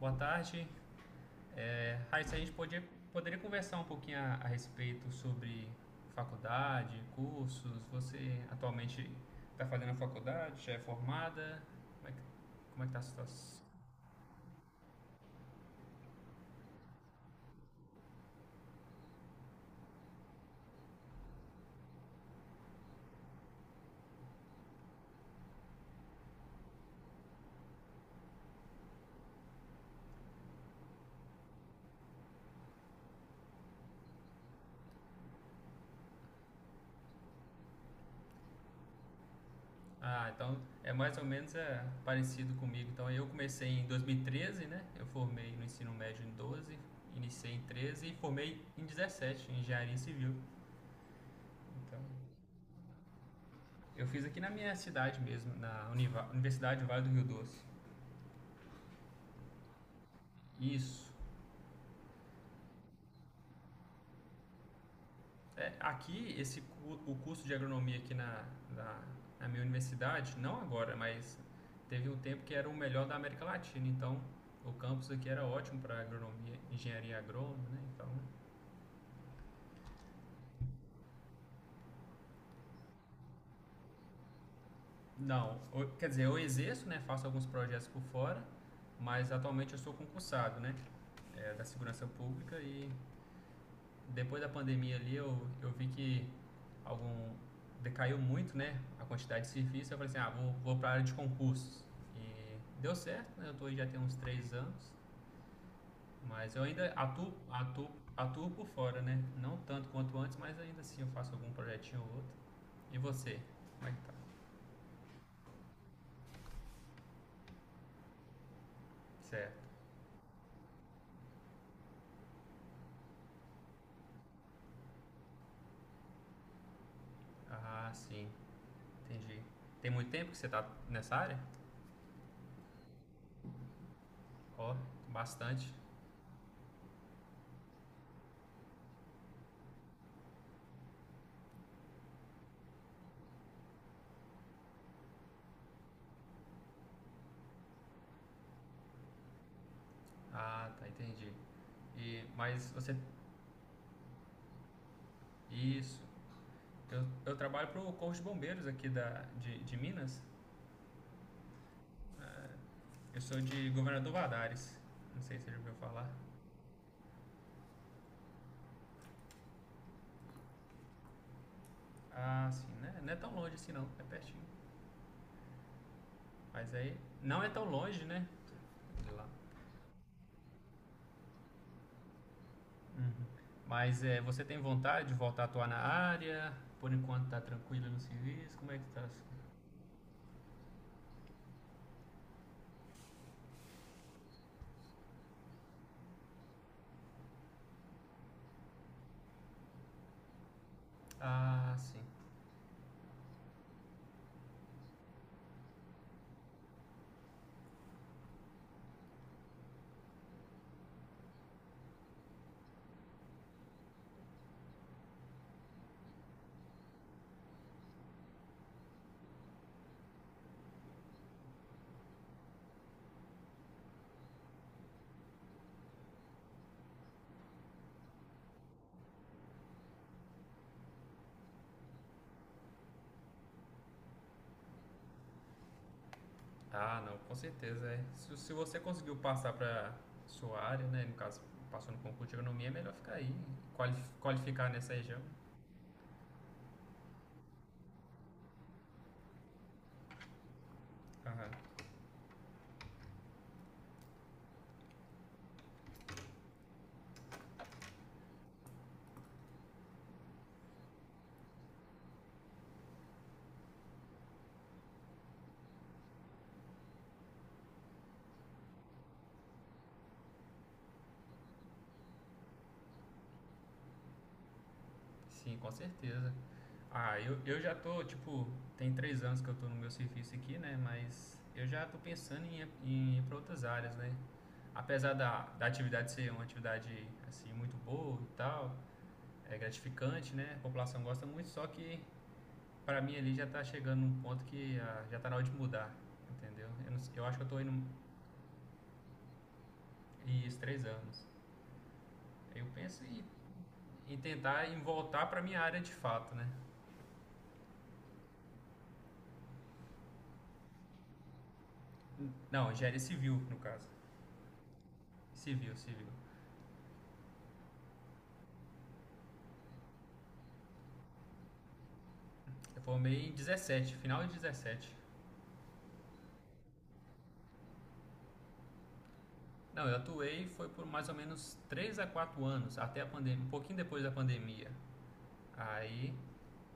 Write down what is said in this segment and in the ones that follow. Boa tarde. Raíssa, a gente poderia conversar um pouquinho a respeito sobre faculdade, cursos. Você atualmente está fazendo a faculdade, já é formada? Como é que, como é que tá a situação? Ah, então é mais ou menos parecido comigo. Então eu comecei em 2013, né? Eu formei no ensino médio em 12, iniciei em 13 e formei em 17, em engenharia civil. Então eu fiz aqui na minha cidade mesmo, na Universidade do Vale do Rio Doce. Isso. É, aqui, esse, o curso de agronomia aqui na, na minha universidade, não agora, mas teve um tempo que era o melhor da América Latina. Então, o campus aqui era ótimo para agronomia, engenharia agrônoma, né? Então, não, quer dizer, eu exerço, né? Faço alguns projetos por fora, mas atualmente eu sou concursado, né? É, da segurança pública e depois da pandemia ali, eu vi que algum decaiu muito, né, a quantidade de serviço. Eu falei assim, ah, vou para a área de concursos. E deu certo, né? Eu tô aí já tem uns 3 anos, mas eu ainda atuo por fora, né? Não tanto quanto antes, mas ainda assim eu faço algum projetinho ou outro. E você? Como é que tá? Certo. Ah, sim. Entendi. Tem muito tempo que você tá nessa área? Ó, bastante. Ah, tá, entendi. E, mas você... Isso. Eu trabalho para o Corpo de Bombeiros aqui de Minas. É, eu sou de Governador Valadares. Não sei se você já ouviu falar. Ah, sim, né? Não é tão longe assim não, é pertinho. Mas aí, não é tão longe, né? De lá. Uhum. Mas é, você tem vontade de voltar a atuar na área? Por enquanto tá tranquilo no serviço? Como é que tá? Ah, sim. Ah, não, com certeza. É. Se você conseguiu passar para sua área, né? No caso, passou no concurso de agronomia, é melhor ficar aí, qualificar nessa região. Aham. Sim, com certeza. Ah, eu já tô, tipo, tem 3 anos que eu tô no meu serviço aqui, né? Mas eu já tô pensando em, em ir para outras áreas, né? Apesar da atividade ser uma atividade, assim, muito boa e tal, é gratificante, né? A população gosta muito, só que pra mim ali já tá chegando num ponto que ah, já tá na hora de mudar, entendeu? Eu, não sei- eu acho que eu tô indo isso 3 anos. Eu penso em tentar voltar pra minha área de fato, né? Não, engenharia civil, no caso. Civil, civil. Eu formei em 17, final de 17. Não, eu atuei foi por mais ou menos 3 a 4 anos, até a pandemia, um pouquinho depois da pandemia. Aí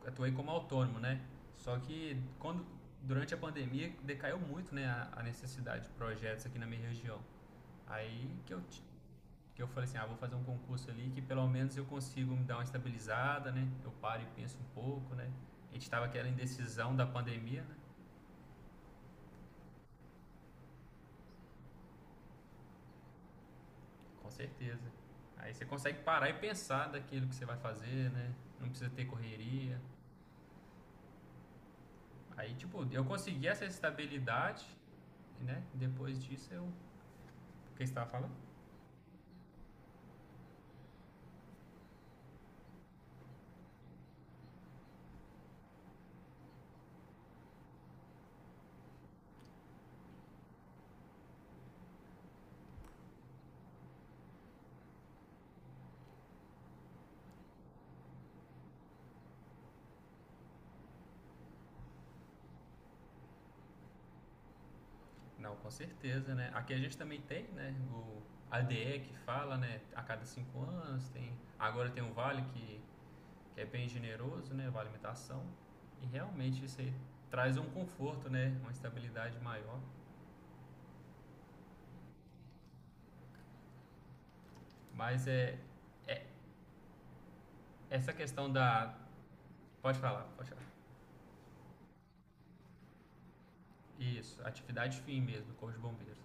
atuei como autônomo, né? Só que quando durante a pandemia decaiu muito, né, a necessidade de projetos aqui na minha região. Aí que eu ti- que eu falei assim, ah, vou fazer um concurso ali que pelo menos eu consigo me dar uma estabilizada, né? Eu paro e penso um pouco, né? A gente estava aquela indecisão da pandemia, né? Com certeza. Aí você consegue parar e pensar daquilo que você vai fazer, né? Não precisa ter correria. Aí, tipo, eu consegui essa estabilidade, né? Depois disso eu. O que você estava falando? Não, com certeza, né? Aqui a gente também tem, né? O ADE que fala, né? A cada 5 anos tem. Agora tem um vale que é bem generoso, né? Vale alimentação. E realmente isso aí traz um conforto, né? Uma estabilidade maior. Mas é. É essa questão da. Pode falar, pode falar. Isso, atividade fim mesmo, Corpo de Bombeiros.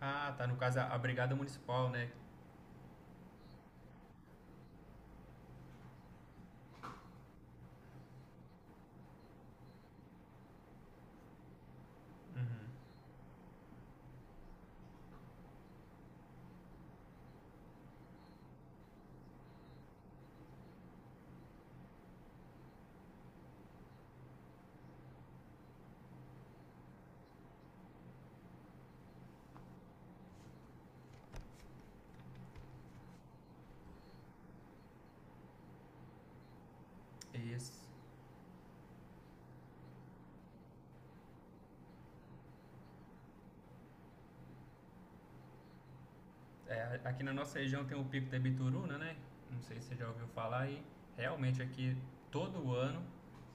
Ah, tá, no caso a Brigada Municipal, né? Uhum. Isso. É, aqui na nossa região tem o Pico da Bituruna, né? Não sei se você já ouviu falar e realmente aqui todo ano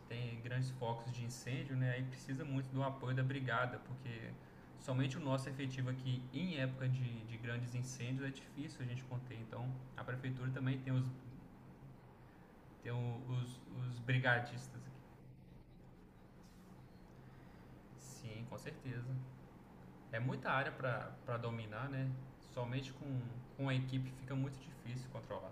tem grandes focos de incêndio, né? Aí precisa muito do apoio da brigada, porque somente o nosso efetivo aqui em época de grandes incêndios é difícil a gente conter. Então a prefeitura também tem os, tem o- os, os brigadistas aqui. Sim, com certeza. É muita área para dominar, né? Somente com a equipe fica muito difícil controlar.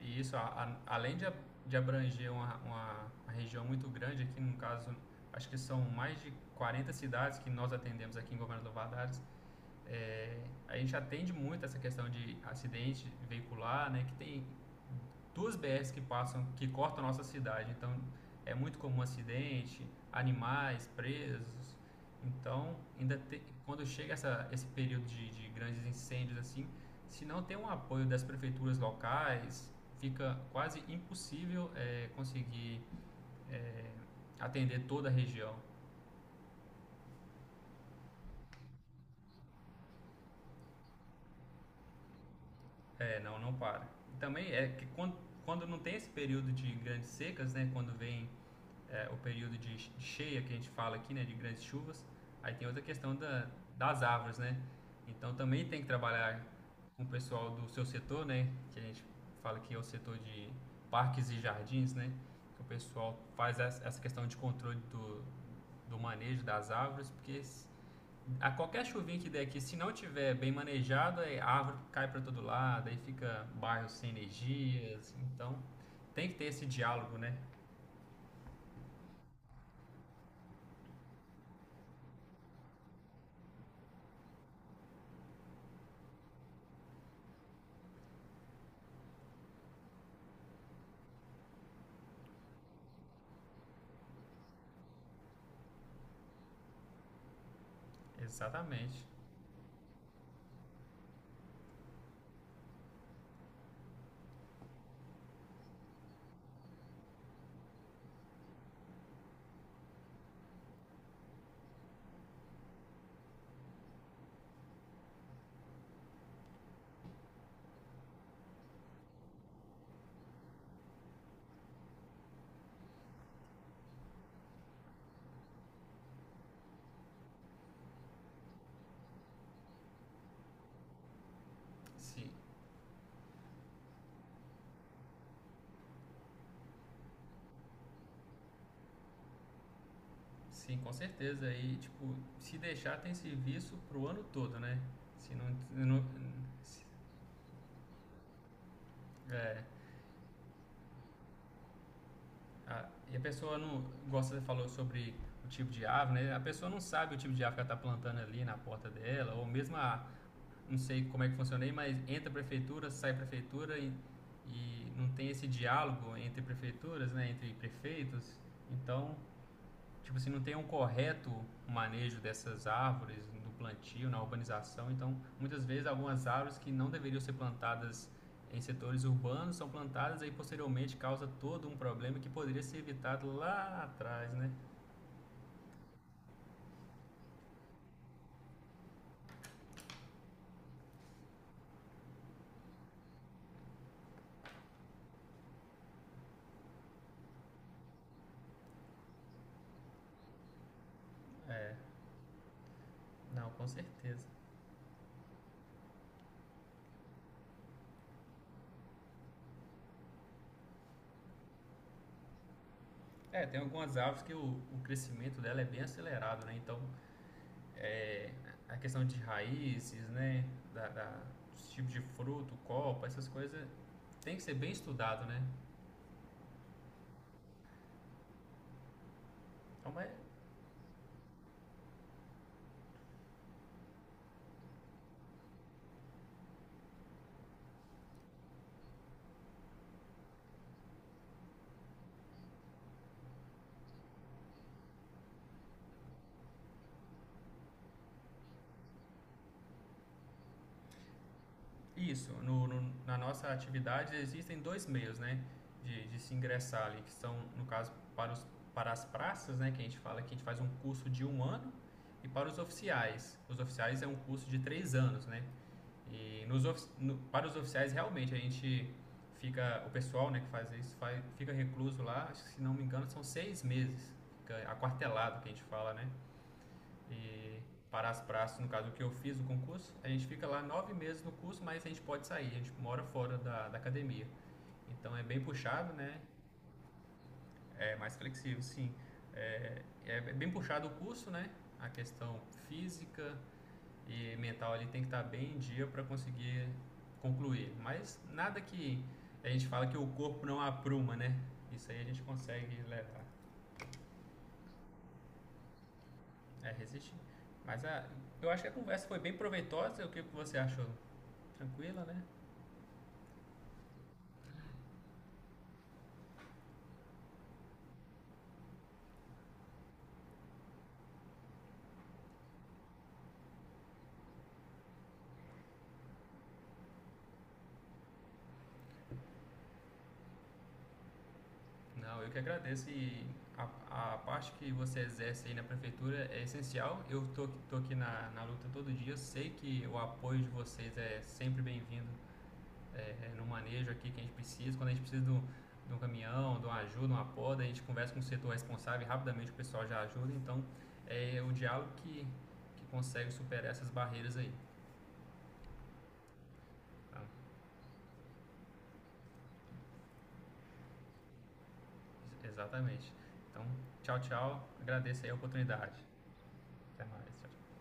E isso, além de abranger uma região muito grande, aqui no caso, acho que são mais de 40 cidades que nós atendemos aqui em Governador Valadares. É, a gente atende muito essa questão de acidente veicular, né? Que tem duas BRs que passam, que cortam a nossa cidade. Então, é muito comum acidente, animais presos. Então, quando chega essa, esse período de grandes incêndios assim, se não tem um apoio das prefeituras locais, fica quase impossível conseguir eh, atender toda a região. É, não, não para. Também é que quando não tem esse período de grandes secas, né, quando vem é, o período de cheia que a gente fala aqui, né, de grandes chuvas, aí tem outra questão da, das árvores, né? Então também tem que trabalhar com o pessoal do seu setor, né, que a gente fala que é o setor de parques e jardins, né, que o pessoal faz essa questão de controle do manejo das árvores, porque a qualquer chuvinha que der aqui, se não tiver bem manejado, a árvore cai para todo lado, aí fica bairro sem energia. Assim, então, tem que ter esse diálogo, né? Exatamente. Sim, sim, com certeza. E, tipo, se deixar, tem serviço pro ano todo, né? Se não. não- se- é, a- E a pessoa não. Gosta, você falou sobre o tipo de ave, né? A pessoa não sabe o tipo de ave que ela tá plantando ali na porta dela, ou mesmo a não sei como é que funciona aí, mas entra a prefeitura, sai a prefeitura e não tem esse diálogo entre prefeituras, né, entre prefeitos. Então, tipo assim, não tem um correto manejo dessas árvores no plantio, na urbanização. Então, muitas vezes algumas árvores que não deveriam ser plantadas em setores urbanos são plantadas e posteriormente causa todo um problema que poderia ser evitado lá atrás, né? Não, com certeza. É, tem algumas árvores que o crescimento dela é bem acelerado, né? Então, é, a questão de raízes, né? Da, da, dos tipos de fruto, copa, essas coisas tem que ser bem estudado, né? Então é isso. No, no- na nossa atividade existem dois meios, né? De se ingressar ali, que são, no caso, para, os, para as praças, né? Que a gente fala que a gente faz um curso de um ano e para os oficiais. Os oficiais é um curso de 3 anos, né? E nos no- para os oficiais, realmente, a gente fica. O pessoal né, que fica recluso lá, acho que, se não me engano, são 6 meses. Fica aquartelado, que a gente fala, né? E para as praças, no caso, o que eu fiz o concurso, a gente fica lá 9 meses no curso, mas a gente pode sair, a gente mora fora da academia. Então é bem puxado, né? É mais flexível, sim. É, é bem puxado o curso, né? A questão física, e mental ali tem que estar bem em dia para conseguir concluir. Mas nada que a gente fala que o corpo não apruma, né? Isso aí a gente consegue levar, é, resistir. Mas a, eu acho que a conversa foi bem proveitosa. O que você achou? Tranquila, né? Não, eu que agradeço e a, a parte que você exerce aí na prefeitura é essencial. Eu tô aqui na luta todo dia. Eu sei que o apoio de vocês é sempre bem-vindo é, é, no manejo aqui que a gente precisa. Quando a gente precisa do um, de um caminhão, de uma ajuda, uma poda, a gente conversa com o setor responsável e rapidamente o pessoal já ajuda. Então, é o diálogo que consegue superar essas barreiras aí. Tá? Exatamente. Então, tchau, tchau. Agradeço aí a oportunidade. Até mais. Tchau.